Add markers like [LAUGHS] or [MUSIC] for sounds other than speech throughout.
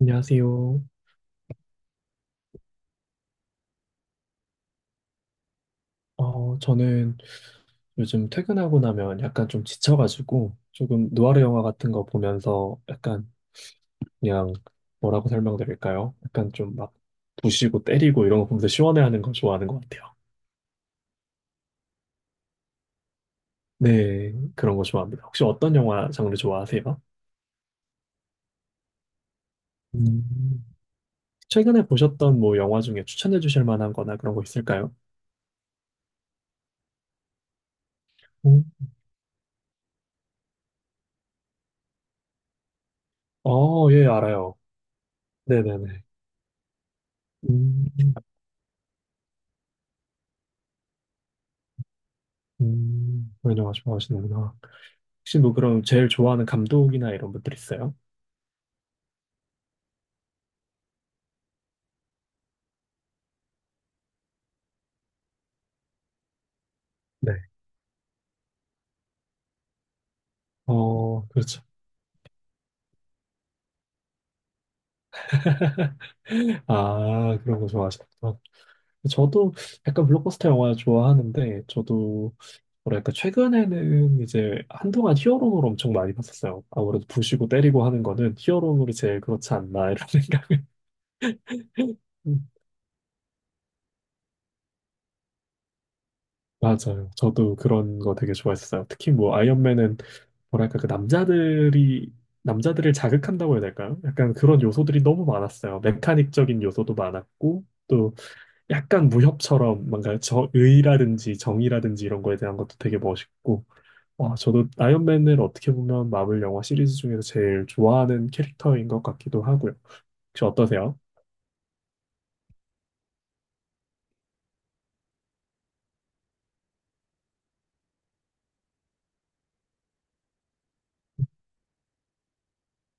안녕하세요. 저는 요즘 퇴근하고 나면 약간 좀 지쳐가지고 조금 누아르 영화 같은 거 보면서 약간 그냥 뭐라고 설명드릴까요? 약간 좀 막 부시고 때리고 이런 거 보면서 시원해하는 거 좋아하는 것 같아요. 네, 그런 거 좋아합니다. 혹시 어떤 영화 장르 좋아하세요? 음, 최근에 보셨던 뭐 영화 중에 추천해 주실 만한 거나 그런 거 있을까요? 음, 어, 예, 알아요. 네네네. 음, 그런 영화 좋아하시는구나. 혹시 뭐 그럼 제일 좋아하는 감독이나 이런 분들 있어요? 네. 어, 그렇죠. 아, 그런 거 좋아하시구나. 저도 약간 블록버스터 영화 좋아하는데, 저도 뭐랄까, 최근에는 이제 한동안 히어로물 엄청 많이 봤었어요. 아무래도 부시고 때리고 하는 거는 히어로물이 제일 그렇지 않나, 이런 [LAUGHS] 생각을. 음, 맞아요. 저도 그런 거 되게 좋아했어요. 특히 뭐 아이언맨은 뭐랄까 그 남자들이 남자들을 자극한다고 해야 될까요? 약간 그런 요소들이 너무 많았어요. 메카닉적인 요소도 많았고 또 약간 무협처럼 뭔가 저 의라든지 정의라든지 이런 거에 대한 것도 되게 멋있고 와 저도 아이언맨을 어떻게 보면 마블 영화 시리즈 중에서 제일 좋아하는 캐릭터인 것 같기도 하고요. 혹시 어떠세요?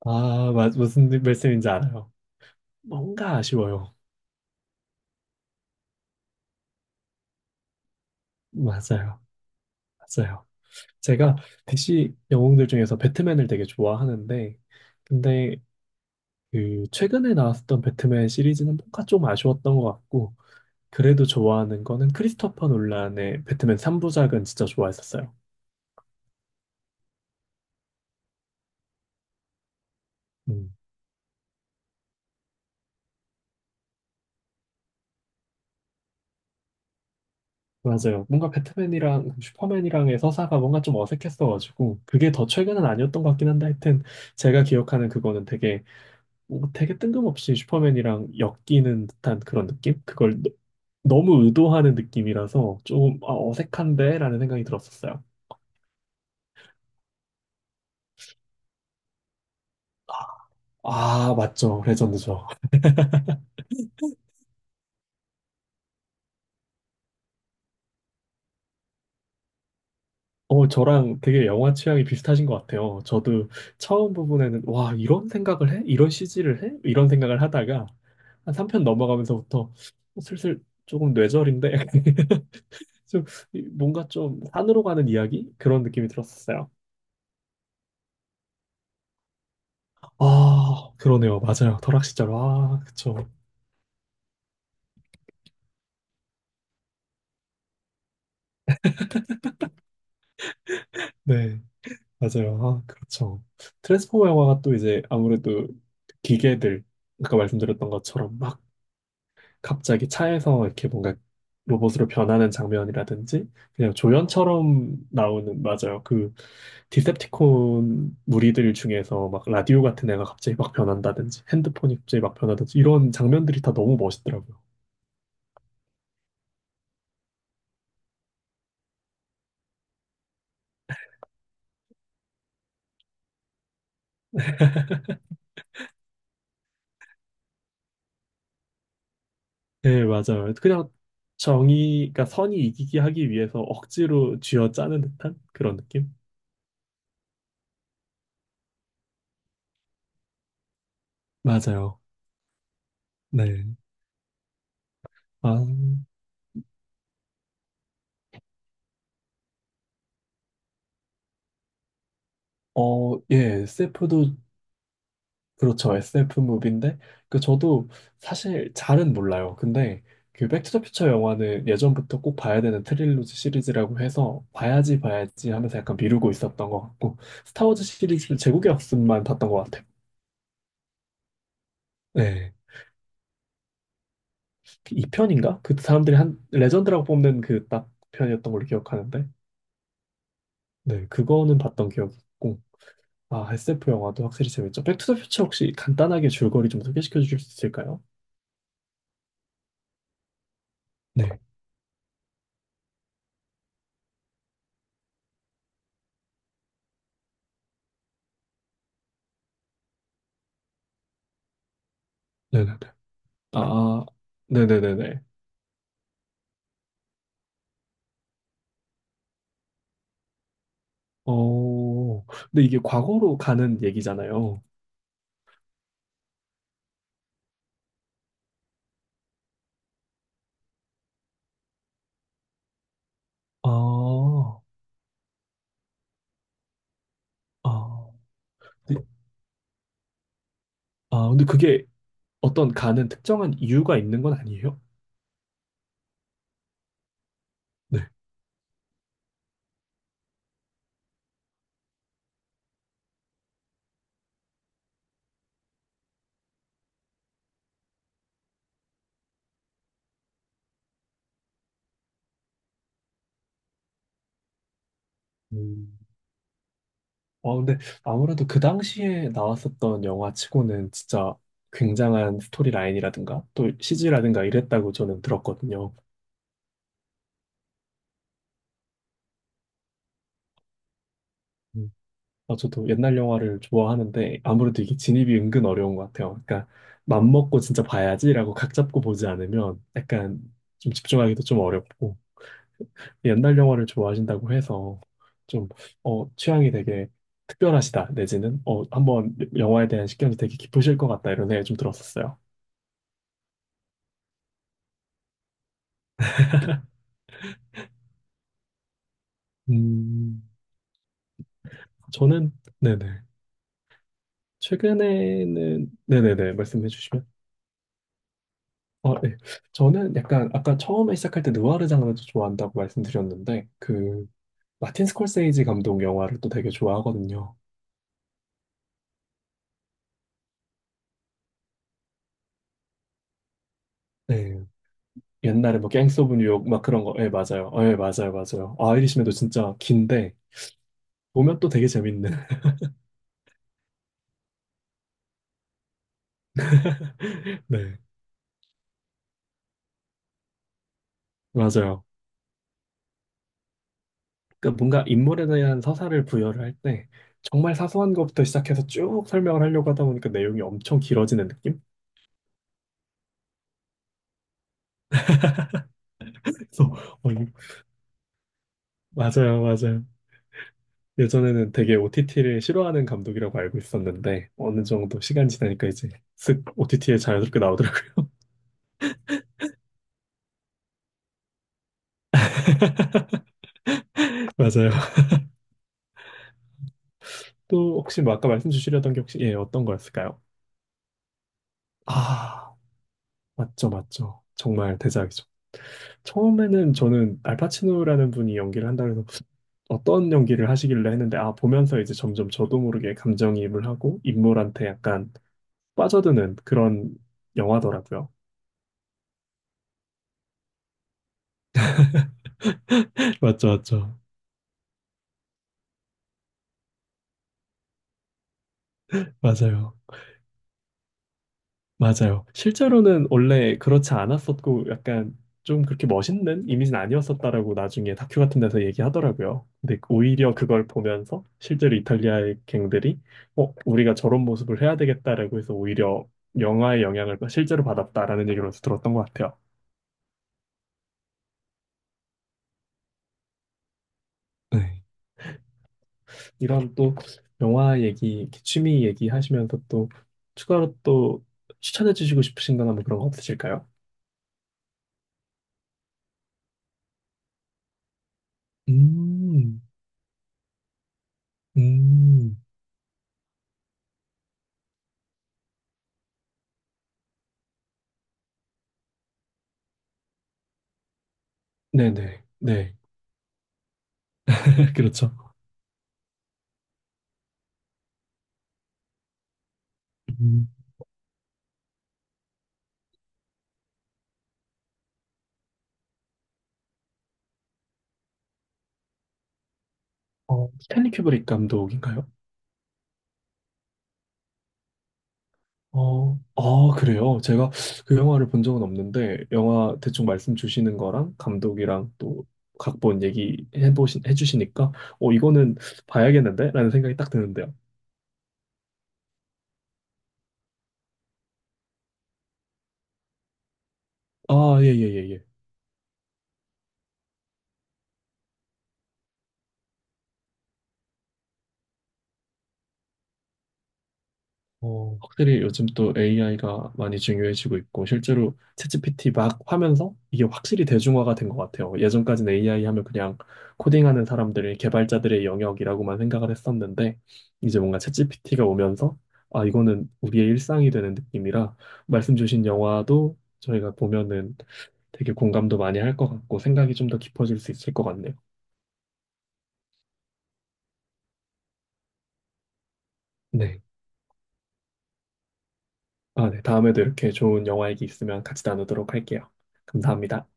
무슨 말씀인지 알아요. 뭔가 아쉬워요. 맞아요. 맞아요. 제가 DC 영웅들 중에서 배트맨을 되게 좋아하는데 근데 그 최근에 나왔었던 배트맨 시리즈는 뭔가 좀 아쉬웠던 것 같고 그래도 좋아하는 거는 크리스토퍼 놀란의 배트맨 3부작은 진짜 좋아했었어요. 음, 맞아요. 뭔가 배트맨이랑 그 슈퍼맨이랑의 서사가 뭔가 좀 어색했어가지고 그게 더 최근은 아니었던 것 같긴 한데 하여튼 제가 기억하는 그거는 되게 뭔가 되게 뜬금없이 슈퍼맨이랑 엮이는 듯한 그런 느낌? 너무 의도하는 느낌이라서 좀 아, 어색한데? 라는 생각이 들었었어요. 아, 맞죠. 레전드죠. 어, 저랑 되게 영화 취향이 비슷하신 것 같아요. 저도 처음 부분에는, 와, 이런 생각을 해? 이런 CG를 해? 이런 생각을 하다가, 한 3편 넘어가면서부터 슬슬 조금 뇌절인데, [LAUGHS] 좀 뭔가 좀 산으로 가는 이야기? 그런 느낌이 들었었어요. 아, 그러네요. 맞아요. 설악시절. 아, 그쵸. 네, 맞아요. 아, 그렇죠. 트랜스포머 영화가 또 이제 아무래도 기계들, 아까 말씀드렸던 것처럼 막 갑자기 차에서 이렇게 뭔가 로봇으로 변하는 장면이라든지 그냥 조연처럼 나오는 맞아요. 그 디셉티콘 무리들 중에서 막 라디오 같은 애가 갑자기 막 변한다든지 핸드폰이 갑자기 막 변하든지 이런 장면들이 다 너무 멋있더라고요. 네, 맞아요. 그냥 정의가 선이 이기기 하기 위해서 억지로 쥐어짜는 듯한 그런 느낌? 맞아요. 네. 아, 예, 세프도 그렇죠. SF 무비인데 그 저도 사실 잘은 몰라요. 근데 그 백투더퓨처 영화는 예전부터 꼭 봐야 되는 트릴로지 시리즈라고 해서 봐야지 봐야지 하면서 약간 미루고 있었던 것 같고 스타워즈 시리즈는 제국의 없음만 봤던 것 같아요. 네. 이편인가그 사람들이 한 레전드라고 뽑는 그 딱 편이었던 걸로 기억하는데 네 그거는 봤던 기억이 있고 아 SF 영화도 확실히 재밌죠. 백투더퓨처 혹시 간단하게 줄거리 좀 소개시켜 주실 수 있을까요? 네. 네네네. 아, 네네네네. 어, 근데 이게 과거로 가는 얘기잖아요. 아, 아, 근데- 근데 그게 어떤 가는 특정한 이유가 있는 건 아니에요? 네. 음. 아, 근데 아무래도 그 당시에 나왔었던 영화 치고는 진짜 굉장한 스토리 라인이라든가 또 CG라든가 이랬다고 저는 들었거든요. 음. 아, 저도 옛날 영화를 좋아하는데 아무래도 이게 진입이 은근 어려운 것 같아요. 그러니까 맘 먹고 진짜 봐야지라고 각 잡고 보지 않으면 약간 좀 집중하기도 좀 어렵고. 옛날 영화를 좋아하신다고 해서 좀, 어, 취향이 되게 특별하시다, 내지는, 어, 한번 영화에 대한 식견이 되게 깊으실 것 같다, 이런 생각이 좀 들었었어요. 음, 저는, 네네. 최근에는, 네네네, 말씀해 주시면. 아, 네. 저는 약간, 아까 처음에 시작할 때 느와르 장르도 좋아한다고 말씀드렸는데, 그, 마틴 스콜세이지 감독 영화를 또 되게 좋아하거든요. 네. 옛날에 뭐, 갱스 오브 뉴욕, 막 그런 거, 예, 맞아요. 예, 맞아요, 맞아요. 아이리시맨도 진짜 긴데, 보면 또 되게 재밌는. [LAUGHS] 네, 맞아요. 그러니까 뭔가 인물에 대한 서사를 부여를 할 때 정말 사소한 것부터 시작해서 쭉 설명을 하려고 하다 보니까 내용이 엄청 길어지는 느낌? [LAUGHS] 그래서 어, 이- 맞아요, 맞아요. 예전에는 되게 OTT를 싫어하는 감독이라고 알고 있었는데 어느 정도 시간 지나니까 이제 쓱 OTT에 자연스럽게 나오더라고요. [LAUGHS] 맞아요. 또 혹시 뭐 아까 말씀 주시려던 게 혹시 예, 어떤 거였을까요? 아. 맞죠, 맞죠. 정말 대작이죠. 처음에는 저는 알파치노라는 분이 연기를 한다고 해서 어떤 연기를 하시길래 했는데, 아, 보면서 이제 점점 저도 모르게 감정이입을 하고 인물한테 약간 빠져드는 그런 영화더라고요. [LAUGHS] 맞죠, 맞죠. 맞아요. 맞아요. 실제로는 원래 그렇지 않았었고 약간 좀 그렇게 멋있는 이미지는 아니었었다라고 나중에 다큐 같은 데서 얘기하더라고요. 근데 오히려 그걸 보면서 실제로 이탈리아의 갱들이 어, 우리가 저런 모습을 해야 되겠다라고 해서 오히려 영화의 영향을 실제로 받았다라는 얘기를 어디서 들었던 것 같아요. 네. 이런 또 영화 얘기, 이렇게 취미 얘기 하시면서 또 추가로 또 추천해 주시고 싶으신 거나 뭐 그런 거 없으실까요? 음, 음. 네네. 네. [LAUGHS] 그렇죠. 음, 어, 스탠리 큐브릭 감독인가요? 아, 그래요? 제가 그 영화를 본 적은 없는데, 영화 대충 말씀 주시는 거랑 감독이랑 또 각본 얘기해보신, 해주시니까, 어, 이거는 봐야겠는데? 라는 생각이 딱 드는데요. 아, 예, 예, 예, 예. 어, 확실히 요즘 또 AI가 많이 중요해지고 있고 실제로 챗GPT 막 하면서 이게 확실히 대중화가 된 것 같아요. 예전까지는 AI 하면 그냥 코딩하는 사람들의 개발자들의 영역이라고만 생각을 했었는데 이제 뭔가 챗GPT가 오면서 아 이거는 우리의 일상이 되는 느낌이라 말씀 주신 영화도 저희가 보면은 되게 공감도 많이 할 것 같고 생각이 좀 더 깊어질 수 있을 것 같네요. 네. 아, 네. 다음에도 이렇게 좋은 영화 얘기 있으면 같이 나누도록 할게요. 감사합니다.